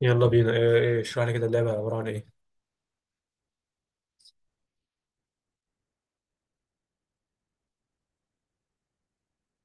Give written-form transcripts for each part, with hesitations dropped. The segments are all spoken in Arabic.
يلا بينا. إيه، اشرح لي كده. اللعبة عبارة عن ايه؟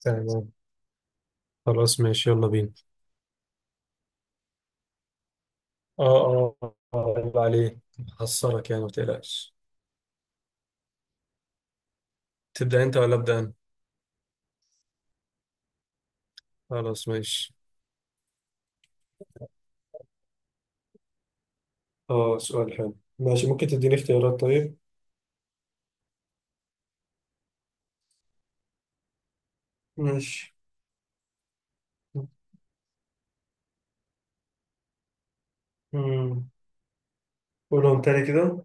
تمام. خلاص ماشي، يلا بينا. اه، اه، يلا عليك. هخسرك يعني، ما تقلقش. تبدأ انت ولا أبدأ انا؟ خلاص ماشي. اه، سؤال حلو. ماشي، ممكن تديني اختيارات؟ طيب. ماشي. مم. قولهم تاني كده.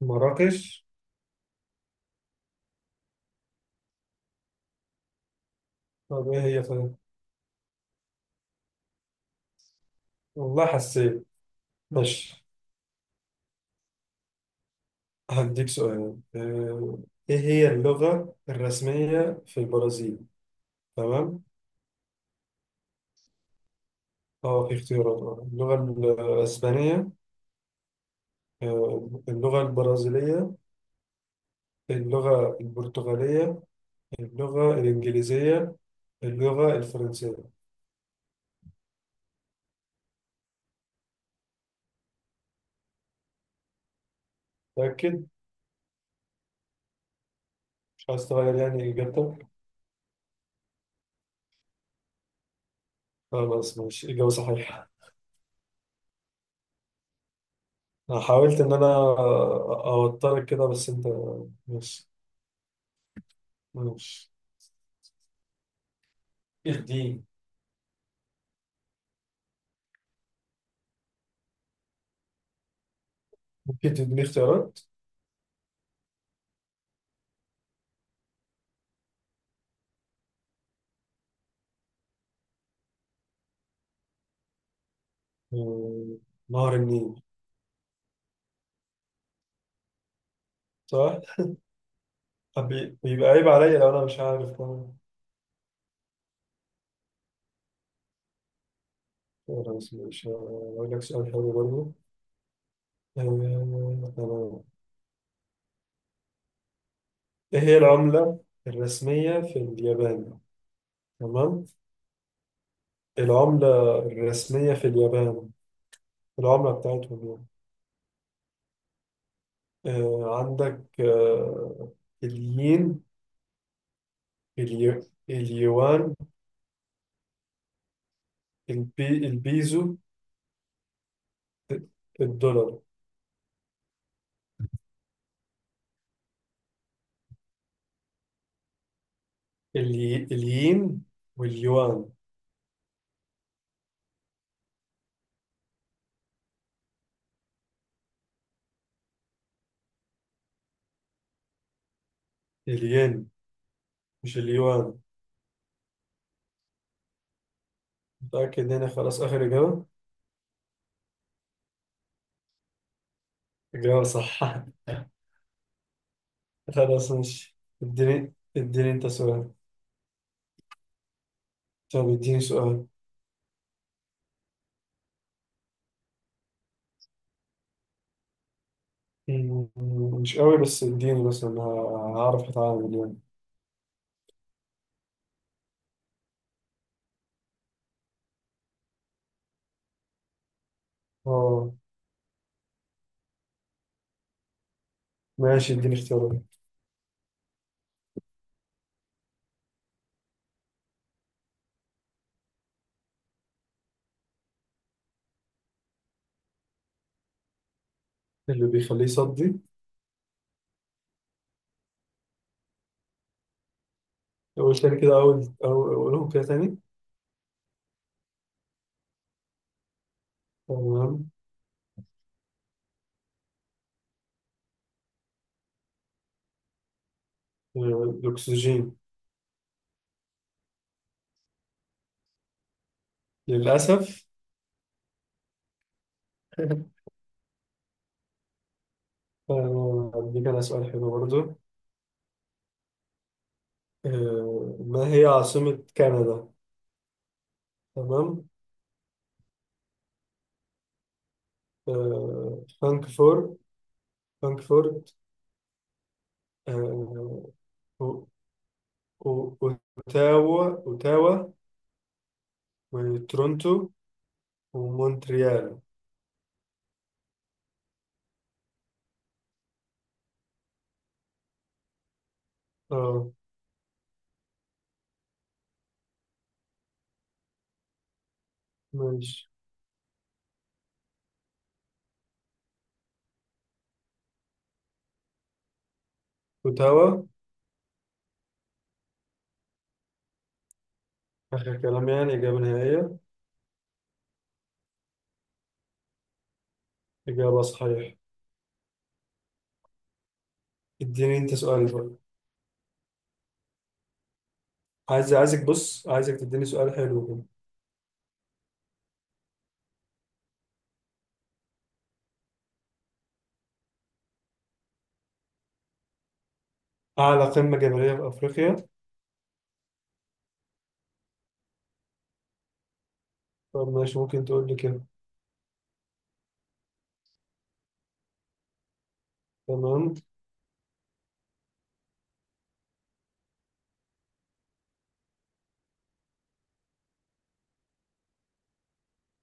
مراكش. طب ايه هي طيب؟ والله حسيت. ماشي، هديك سؤال. ايه هي اللغة الرسمية في البرازيل؟ تمام. اه، في اختيارات. اللغة الأسبانية، اللغة البرازيلية، اللغة البرتغالية، اللغة الإنجليزية، اللغة الفرنسية. متأكد؟ مش عايز تغير يعني إجابتك؟ خلاص ماشي، إجابة صحيحة. أنا حاولت إن أنا أوترك كده، بس أنت ماشي. ماشي. الدين. ممكن تديني اختيارات؟ آه، نهر النيل. صح؟ طب بيبقى عيب عليا لو أنا مش عارف طبعا. خلاص ماشي، هقول لك سؤال حلو برضه. تمام. ايه هي العملة الرسمية في اليابان؟ تمام. العملة الرسمية في اليابان. العملة بتاعتهم يعني. عندك الين، اليو اليوان، البيزو، الدولار. الين واليوان. الين، مش اليوان. متأكد هنا، خلاص آخر إجابة. إجابة صح. خلاص ماشي. اديني انت سؤال. طب اديني سؤال. مم، مش قوي، بس اديني مثلا هعرف اتعامل يعني. اه. ماشي، اديني اختيارات. اللي بيخليه يصدي؟ اقول تاني كده. اقولهم كده تاني. تمام. الاكسجين. للاسف. اديك انا سؤال حلو برضو. ما هي عاصمة كندا؟ تمام. آه، فانكفور فانكفورت، آه، أو- أو- اوتاوا اوتاوا، وتورونتو، ومونتريال. اه. ماشي. وتوا. آخر كلام يعني إجابة نهائية. إجابة صحيحة. اديني أنت سؤال بقى. عايزك، بص، عايزك تديني سؤال حلو كده. أعلى قمة جبلية في أفريقيا. طب ماشي، ممكن تقول لي كده. تمام.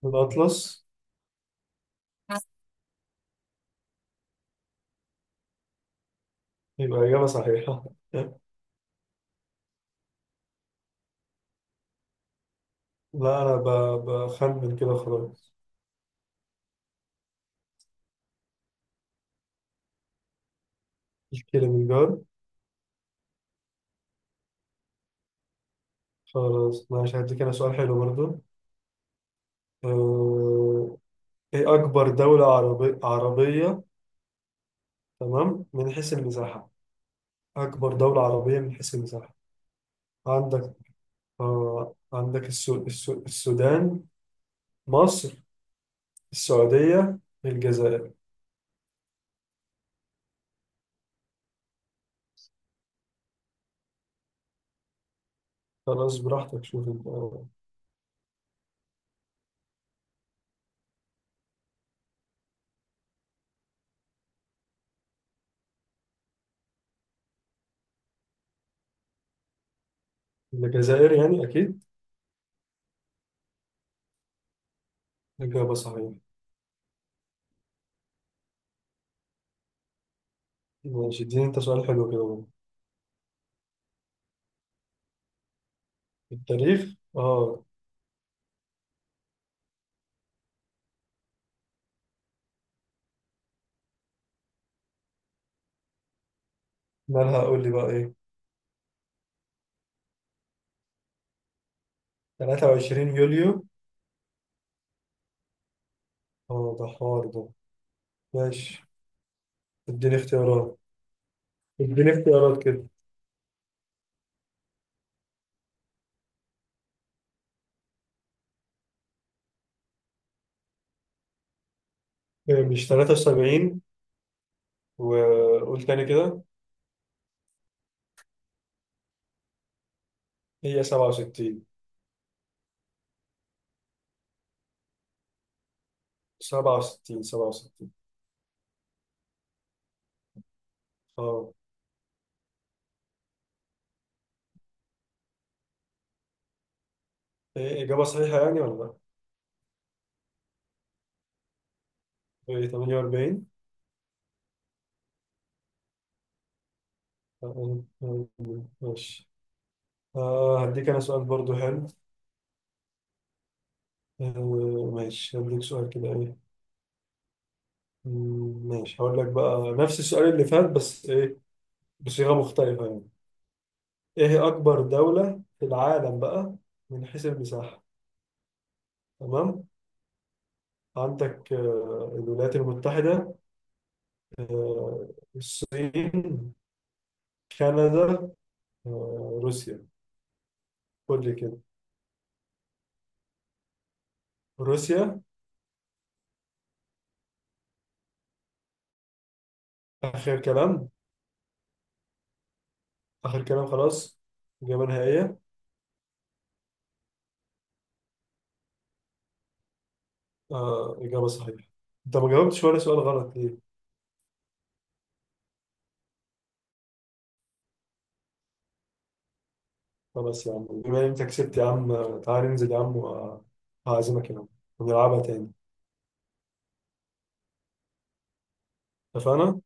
الأطلس. يبقى إجابة صحيحة. لا، أنا بخمن كده خلاص. الكليمنجارو. خلاص ماشي، هديك أنا سؤال حلو برضه. أه... إيه أكبر دولة عربية، تمام، من حيث المساحة. أكبر دولة عربية من حيث المساحة. عندك عندك السودان، مصر، السعودية، الجزائر. خلاص براحتك، شوف انت. الجزائر يعني أكيد. إجابة صحيحة. ماشي، اديني انت سؤال حلو كده بقى. التاريخ، اه. مالها، قول لي بقى ايه. 23 يوليو. اه، ده حوار ده. ماشي، اديني اختيارات. اديني اختيارات كده. إيه، مش 73. وقول تاني كده. هي 67، 67، 67. اه. إيه، إجابة صحيحة يعني ولا لأ؟ ايه، 48. ماشي. هديك انا سؤال برضو حلو. ماشي، هديك سؤال كده ايه. ماشي، هقول لك بقى نفس السؤال اللي فات، بس ايه، بصيغة مختلفة يعني. ايه هي اكبر دولة في العالم بقى، من حيث المساحة؟ تمام. عندك الولايات المتحدة، آه الصين، كندا، روسيا. قول لي كده. روسيا. اخر كلام. اخر كلام، خلاص. إجابة نهائية. إجابة صحيحة. أنت ما جاوبتش ولا سؤال غلط ليه؟ خلاص يا عم، بما إن أنت كسبت يا عم، تعالى ننزل يا عم، وهعزمك يا عم، ونلعبها تاني. اتفقنا؟